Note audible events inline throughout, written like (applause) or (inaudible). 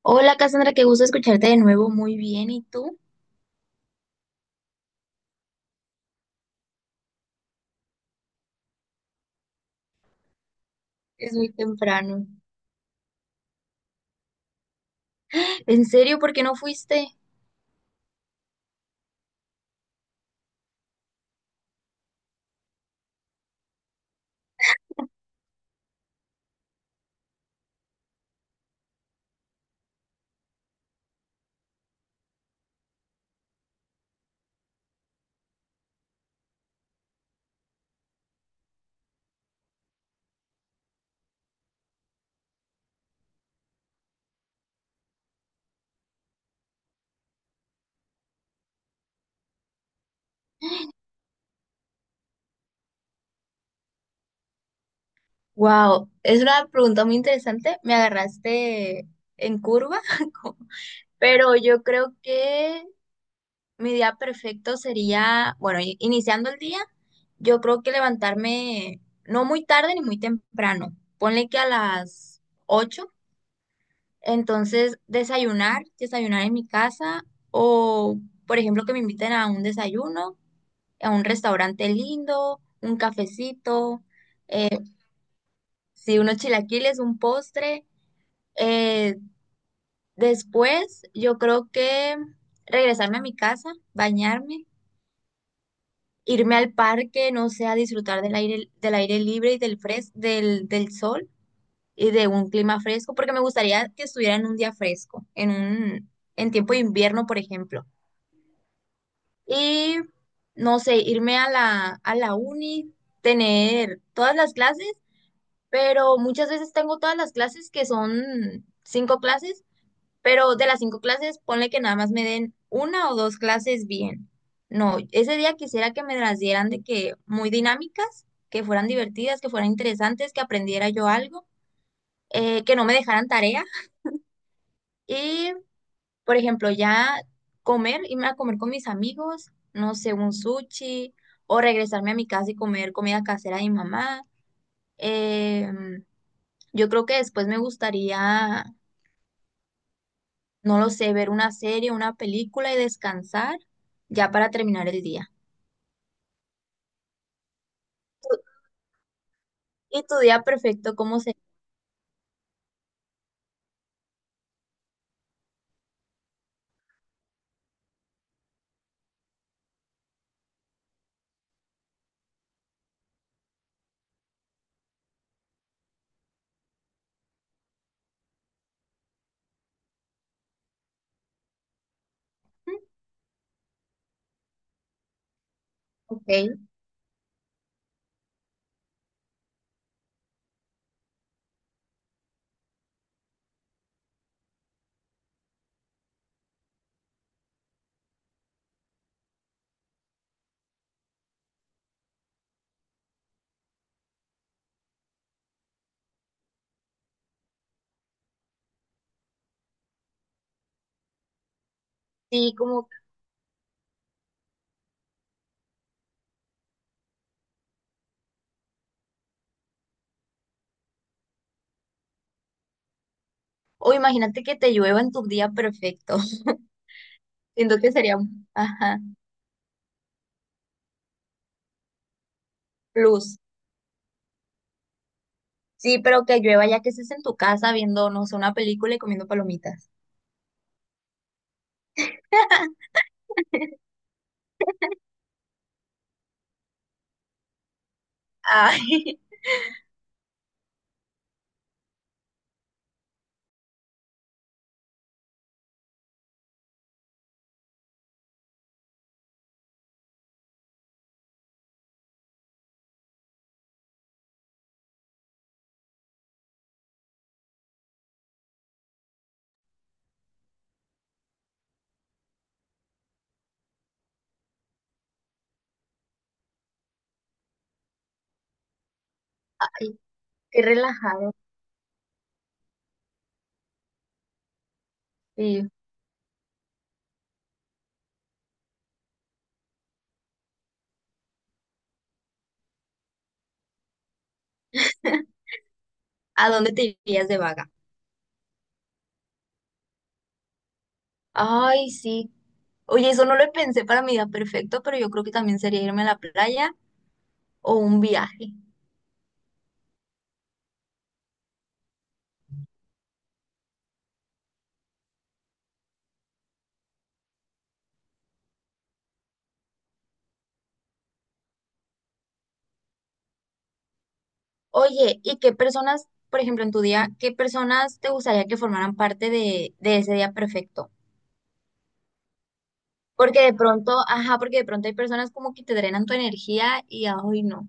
Hola Cassandra, qué gusto escucharte de nuevo. Muy bien, ¿y tú? Es muy temprano. ¿En serio? ¿Por qué no fuiste? Wow, es una pregunta muy interesante. Me agarraste en curva, (laughs) como- pero yo creo que mi día perfecto sería, bueno, iniciando el día, yo creo que levantarme no muy tarde ni muy temprano. Ponle que a las 8:00, entonces desayunar en mi casa o, por ejemplo, que me inviten a un desayuno a un restaurante lindo, un cafecito, si unos chilaquiles, un postre. Eh, Después, yo creo que regresarme a mi casa, bañarme, irme al parque, no sé, a disfrutar del aire libre y del sol y de un clima fresco, porque me gustaría que estuviera en un día fresco, en tiempo de invierno, por ejemplo. Y no sé, irme a la uni, tener todas las clases, pero muchas veces tengo todas las clases que son cinco clases, pero de las cinco clases ponle que nada más me den una o dos clases bien. No, ese día quisiera que me las dieran de que muy dinámicas, que fueran divertidas, que fueran interesantes, que aprendiera yo algo, que no me dejaran tarea. Y, por ejemplo, ya comer, irme a comer con mis amigos, no sé, un sushi, o regresarme a mi casa y comer comida casera de mi mamá. Em, yo creo que después me gustaría, no lo sé, ver una serie, una película y descansar ya para terminar el día. Tu- ¿Y tu día perfecto cómo se... Mm, ok, sí, como... O imagínate que te llueva en tu día perfecto. (laughs) Siento que sería un... Ajá, plus. Sí, pero que llueva ya que estés en tu casa viendo, no sé, una película y comiendo palomitas. (laughs) Ay, ay, qué relajado. Sí. (laughs) ¿A dónde te irías de vaga? Ay, sí. Oye, eso no lo pensé para mi día perfecto, pero yo creo que también sería irme a la playa o un viaje. Oye, ¿y qué personas, por ejemplo, en tu día, qué personas te gustaría que formaran parte de ese día perfecto? Porque de pronto, ajá, porque de pronto hay personas como que te drenan tu energía y ah, hoy no.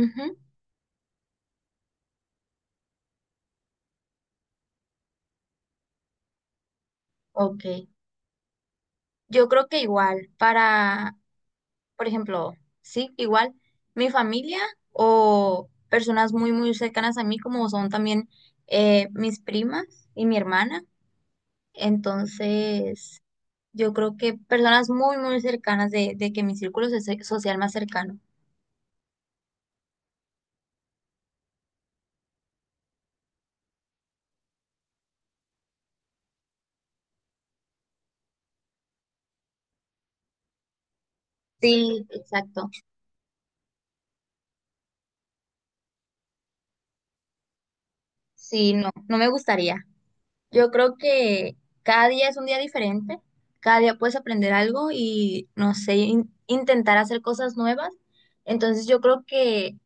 Ujú, ok. Yo creo que igual, para, por ejemplo, sí, igual, mi familia o personas muy, muy cercanas a mí, como son también mis primas y mi hermana. Entonces, yo creo que personas muy, muy cercanas de, que mi círculo social más cercano. Sí, exacto. Sí, no, no me gustaría. Yo creo que cada día es un día diferente, cada día puedes aprender algo y, no sé, intentar hacer cosas nuevas. Entonces yo creo que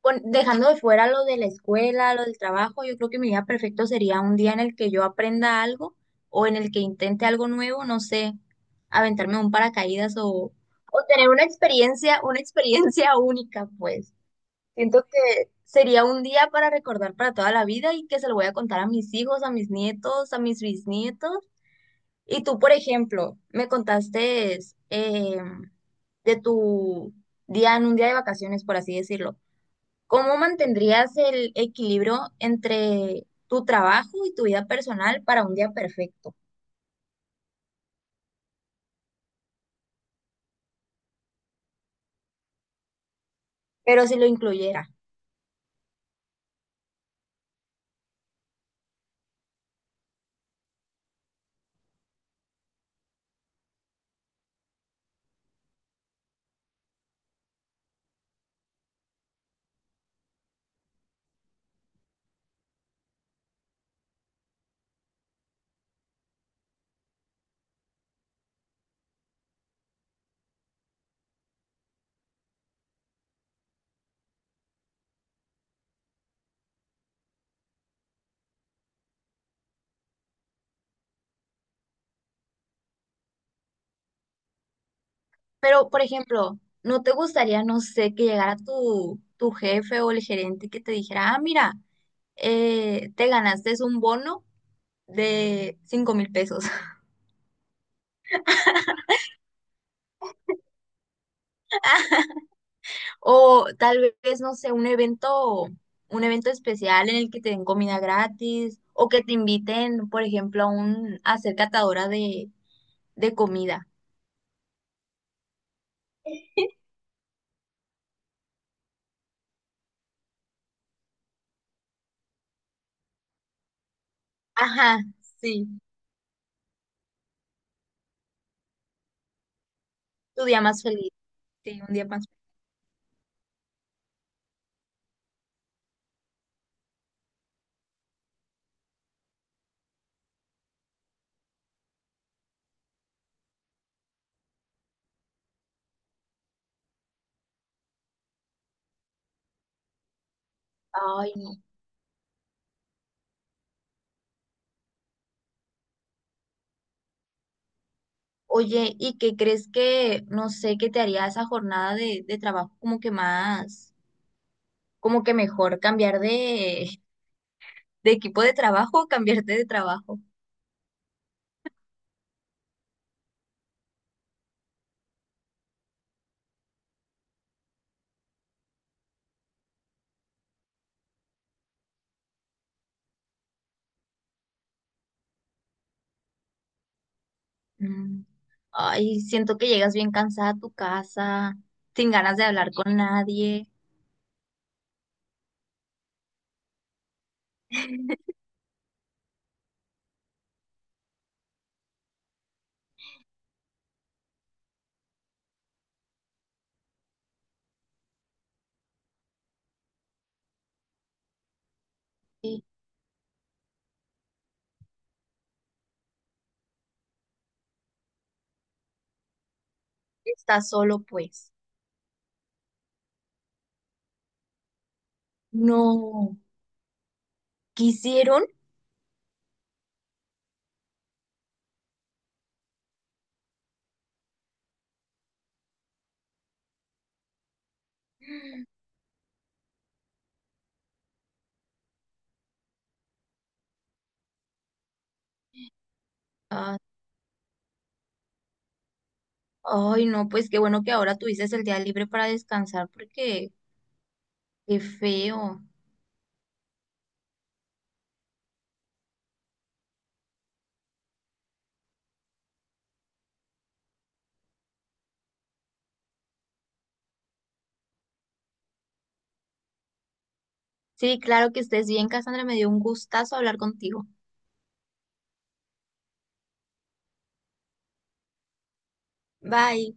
dejando de fuera lo de la escuela, lo del trabajo, yo creo que mi día perfecto sería un día en el que yo aprenda algo o en el que intente algo nuevo, no sé, aventarme un paracaídas o tener una experiencia (laughs) única, pues. Siento que sería un día para recordar para toda la vida y que se lo voy a contar a mis hijos, a mis nietos, a mis bisnietos. Y tú, por ejemplo, me contaste eh, de tu día en un día de vacaciones, por así decirlo. ¿Cómo mantendrías el equilibrio entre tu trabajo y tu vida personal para un día perfecto? Pero si lo incluyera. Pero, por ejemplo, ¿no te gustaría, no sé, que llegara tu jefe o el gerente que te dijera, ah, mira, te ganaste un bono de $5,000? (laughs) O tal vez, no sé, un evento especial en el que te den comida gratis o que te inviten, por ejemplo, a ser catadora de comida. Ajá, sí, tu día más feliz. Sí, un día más feliz. Ay, no. Oye, ¿y qué crees que, no sé, qué te haría esa jornada de trabajo como que más, como que mejor cambiar de, equipo de trabajo o cambiarte de trabajo? Mm. Ay, siento que llegas bien cansada a tu casa, sin ganas de hablar con nadie, y estás solo, pues. No, quisieron. Ah, ay, no, pues qué bueno que ahora tuviste el día libre para descansar, porque qué feo. Sí, claro, que estés bien, Cassandra. Me dio un gustazo hablar contigo. Bye.